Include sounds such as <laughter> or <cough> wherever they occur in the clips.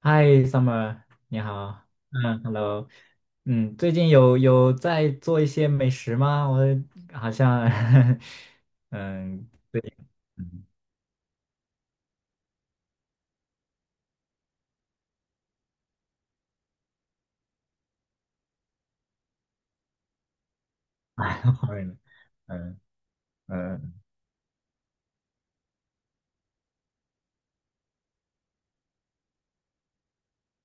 嗨，Summer，你好。嗯，Hello。嗯，最近有在做一些美食吗？我好像，<laughs> 嗯，最近，嗯，哎，好远。嗯嗯。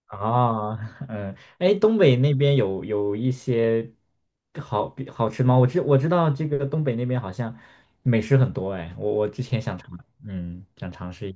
哦，嗯。哎，东北那边有一些好好吃吗？我知道这个东北那边好像美食很多。哎，我之前想尝，嗯，想尝试一，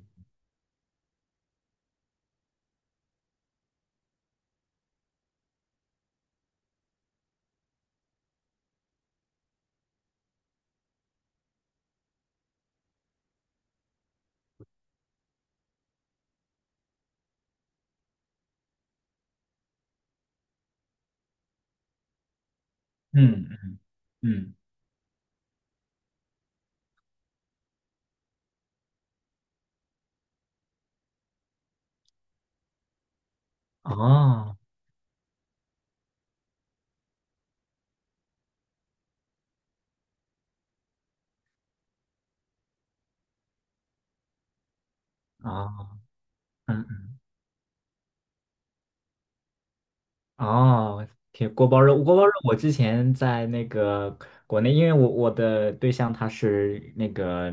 嗯嗯。哦哦。嗯。哦，铁锅包肉，锅包肉。我之前在那个国内，因为我的对象他是那个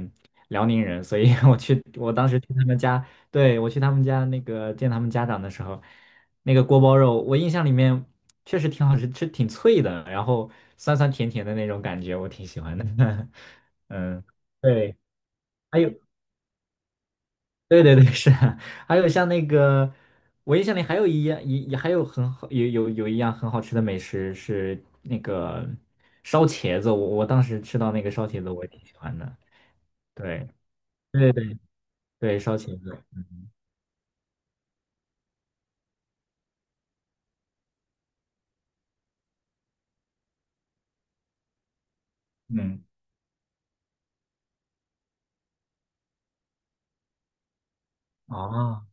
辽宁人，所以 <laughs> 我当时去他们家。对，我去他们家那个见他们家长的时候，那个锅包肉，我印象里面确实挺好吃，吃挺脆的，然后酸酸甜甜的那种感觉，我挺喜欢的。<laughs> 嗯，对，还有。对对对，是啊。还有像那个，我印象里还有一样，也还有很好，有一样很好吃的美食是那个烧茄子，我当时吃到那个烧茄子，我也挺喜欢的。对对对对，烧茄子。嗯嗯，哦，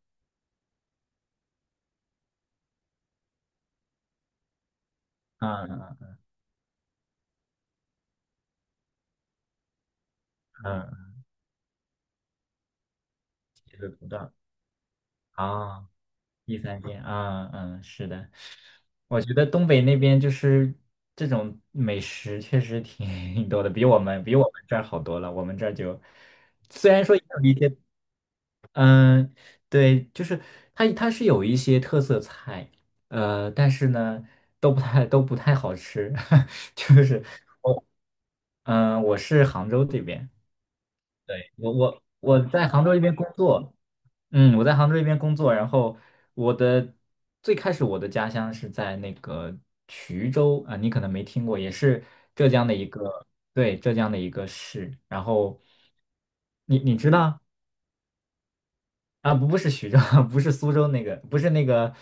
嗯嗯嗯，这个土豆啊，第三天，啊嗯，是的。我觉得东北那边就是这种美食确实挺 <laughs> 多的，比我们这儿好多了，我们这儿就虽然说也有一些。嗯，对，就是它是有一些特色菜，但是呢，都不太好吃，<laughs> 就是。嗯，我是杭州这边。对，我在杭州这边工作。嗯，我在杭州这边工作，然后我的最开始我的家乡是在那个衢州啊，你可能没听过，也是浙江的一个，对，浙江的一个市，然后你知道？啊，不是徐州，<laughs> 不是苏州那个，不是那个。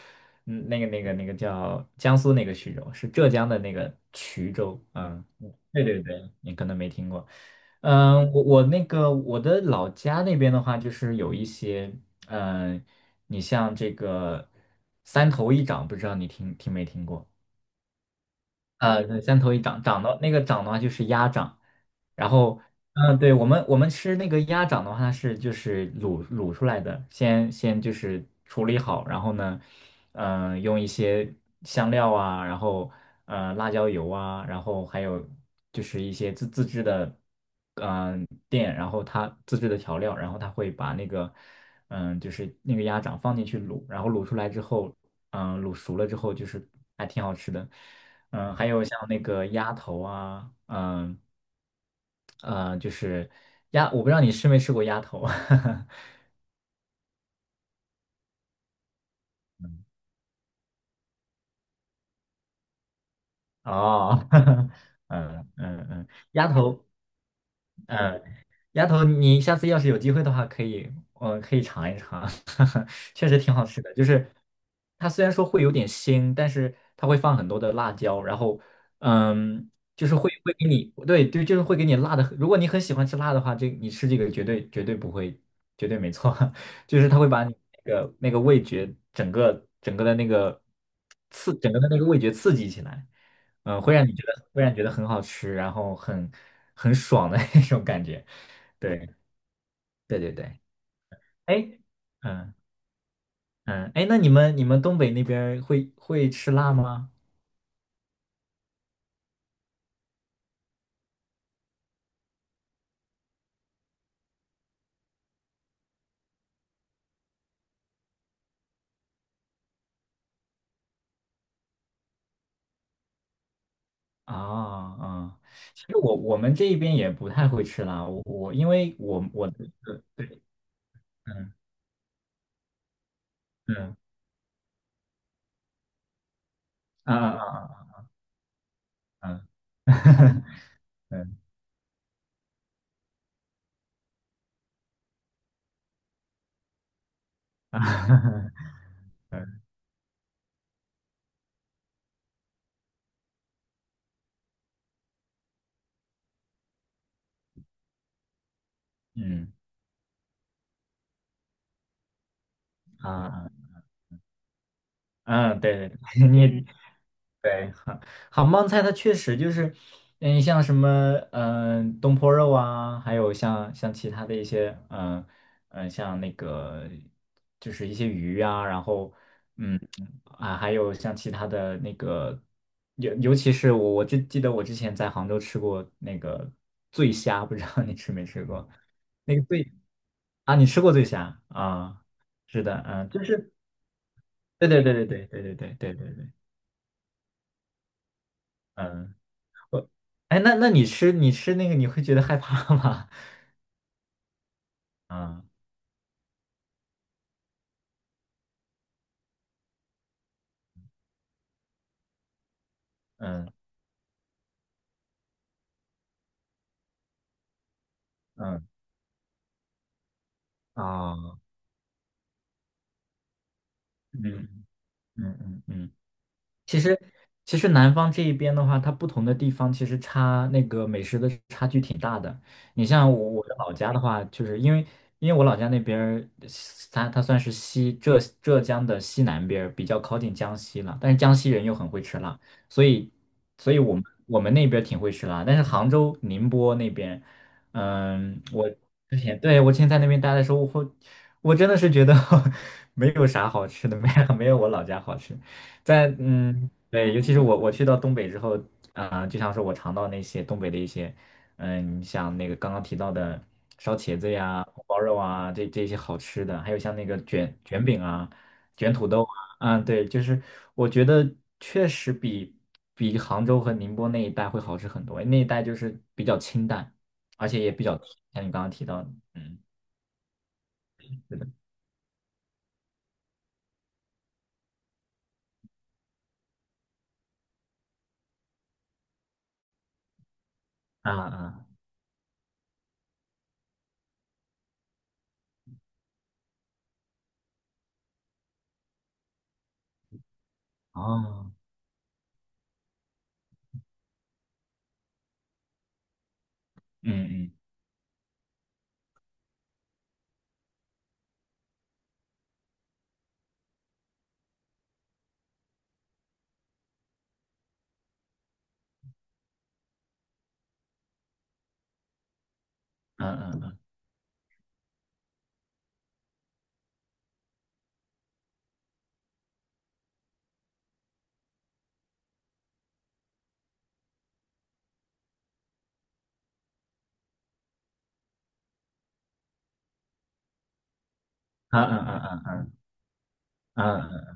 嗯，那个叫江苏那个徐州，是浙江的那个衢州。嗯，嗯对对对，你可能没听过。嗯，我那个我的老家那边的话，就是有一些。嗯，你像这个三头一掌，不知道你听没听过？啊，对，三头一掌，掌的那个掌的话就是鸭掌。然后，嗯，对，我们吃那个鸭掌的话，它是就是卤出来的，先就是处理好，然后呢，用一些香料啊，然后辣椒油啊，然后还有就是一些自制的，嗯、店，然后它自制的调料，然后它会把那个，就是那个鸭掌放进去卤，然后卤出来之后，卤熟了之后就是还挺好吃的。嗯，还有像那个鸭头啊，就是鸭，我不知道你吃没吃过鸭头。<laughs> 哦，<laughs> 嗯嗯嗯，鸭头，嗯丫头，你下次要是有机会的话，可以尝一尝，<laughs> 确实挺好吃的。就是它虽然说会有点腥，但是它会放很多的辣椒，然后，嗯，就是会给你。对对，就是会给你辣的。如果你很喜欢吃辣的话，这你吃这个绝对绝对不会，绝对没错。<laughs> 就是它会把你那个味觉整个整个的那个刺，整个的那个味觉刺激起来。嗯，会让你觉得很好吃，然后很爽的 <laughs> 那种感觉。对对对对，哎，嗯嗯。哎，那你们东北那边儿会吃辣吗？啊、啊，其实我们这一边也不太会吃辣，我因为我的对对嗯嗯啊啊啊啊啊嗯 <laughs> 嗯啊 <laughs> 嗯啊嗯啊，嗯，对对对。<laughs> 你对，杭帮菜它确实就是。嗯，像什么，东坡肉啊，还有像其他的一些，嗯、嗯、像那个就是一些鱼啊，然后，嗯啊。还有像其他的那个，尤其是我就记得我之前在杭州吃过那个醉虾，不知道你吃没吃过？那个醉啊，你吃过醉虾啊？是的，嗯、就是对对对对对对对对对对对，嗯。我哎，那你吃那个，你会觉得害怕吗？<laughs> 嗯嗯嗯，啊，嗯嗯嗯嗯。其实，其实南方这一边的话，它不同的地方其实差那个美食的差距挺大的。你像我的老家的话，就是因为我老家那边儿，它算是浙江的西南边儿，比较靠近江西了。但是江西人又很会吃辣，所以所以我们那边儿挺会吃辣。但是杭州、宁波那边，嗯，我之前对，我之前在那边待的时候，我真的是觉得 <laughs> 没有啥好吃的，没有我老家好吃。嗯，对，尤其是我去到东北之后。啊、就像是我尝到那些东北的一些。嗯，你像那个刚刚提到的烧茄子呀、红包肉啊，这些好吃的，还有像那个卷饼啊、卷土豆啊。啊，对，就是我觉得确实比杭州和宁波那一带会好吃很多，那一带就是比较清淡，而且也比较甜。像你刚刚提到的嗯，是的，啊啊，哦，嗯嗯嗯嗯嗯嗯嗯嗯嗯嗯嗯。嗯嗯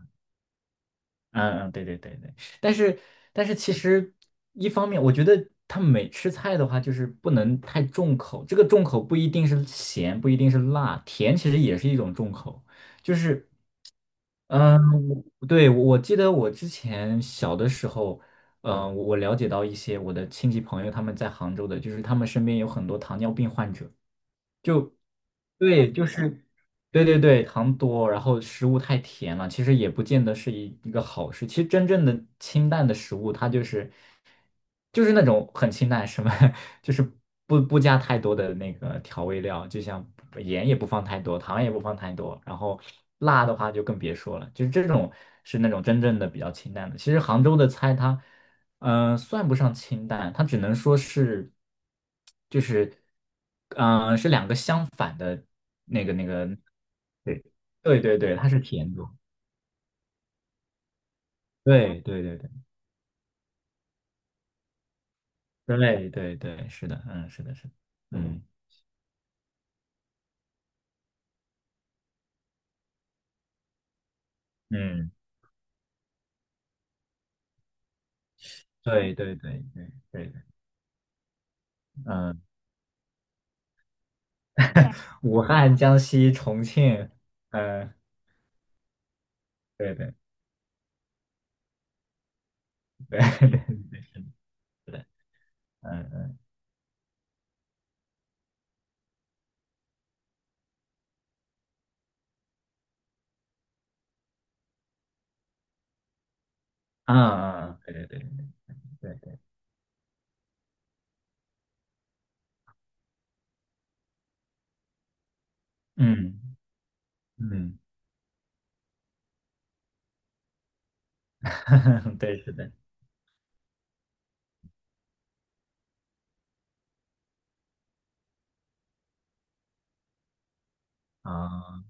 嗯嗯，对对对对。但是其实一方面，我觉得他每吃菜的话，就是不能太重口。这个重口不一定是咸，不一定是辣，甜其实也是一种重口。就是嗯，对，我记得我之前小的时候，嗯，我了解到一些我的亲戚朋友他们在杭州的，就是他们身边有很多糖尿病患者，就。对，就是，对对对，糖多，然后食物太甜了，其实也不见得是一个好事。其实真正的清淡的食物，它就是那种很清淡，什么 <laughs> 就是不加太多的那个调味料，就像盐也不放太多，糖也不放太多，然后辣的话就更别说了。就是这种是那种真正的比较清淡的。其实杭州的菜它。嗯、算不上清淡，它只能说是，就是，嗯、是两个相反的那个。对，对对对，它是甜度。对对对对对对对，是的，嗯，是的，是的。嗯嗯，对对对对对对，嗯。<laughs> 武汉、江西、重庆，嗯、对对对 <laughs> 对对对，是的。嗯嗯嗯嗯，啊对对对对。嗯嗯，<laughs> 对，是的。啊、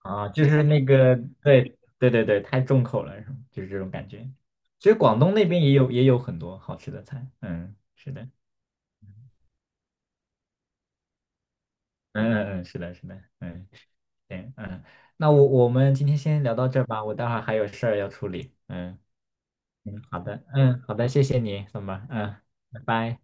啊，就是那个，对对对对，太重口了，是吗？就是这种感觉。其实广东那边也有很多好吃的菜。嗯，是的，嗯嗯嗯，是的，是的，嗯，行，嗯，那我们今天先聊到这儿吧，我待会儿还有事儿要处理。嗯嗯，好的，嗯好的，谢谢你，怎么，嗯，拜拜。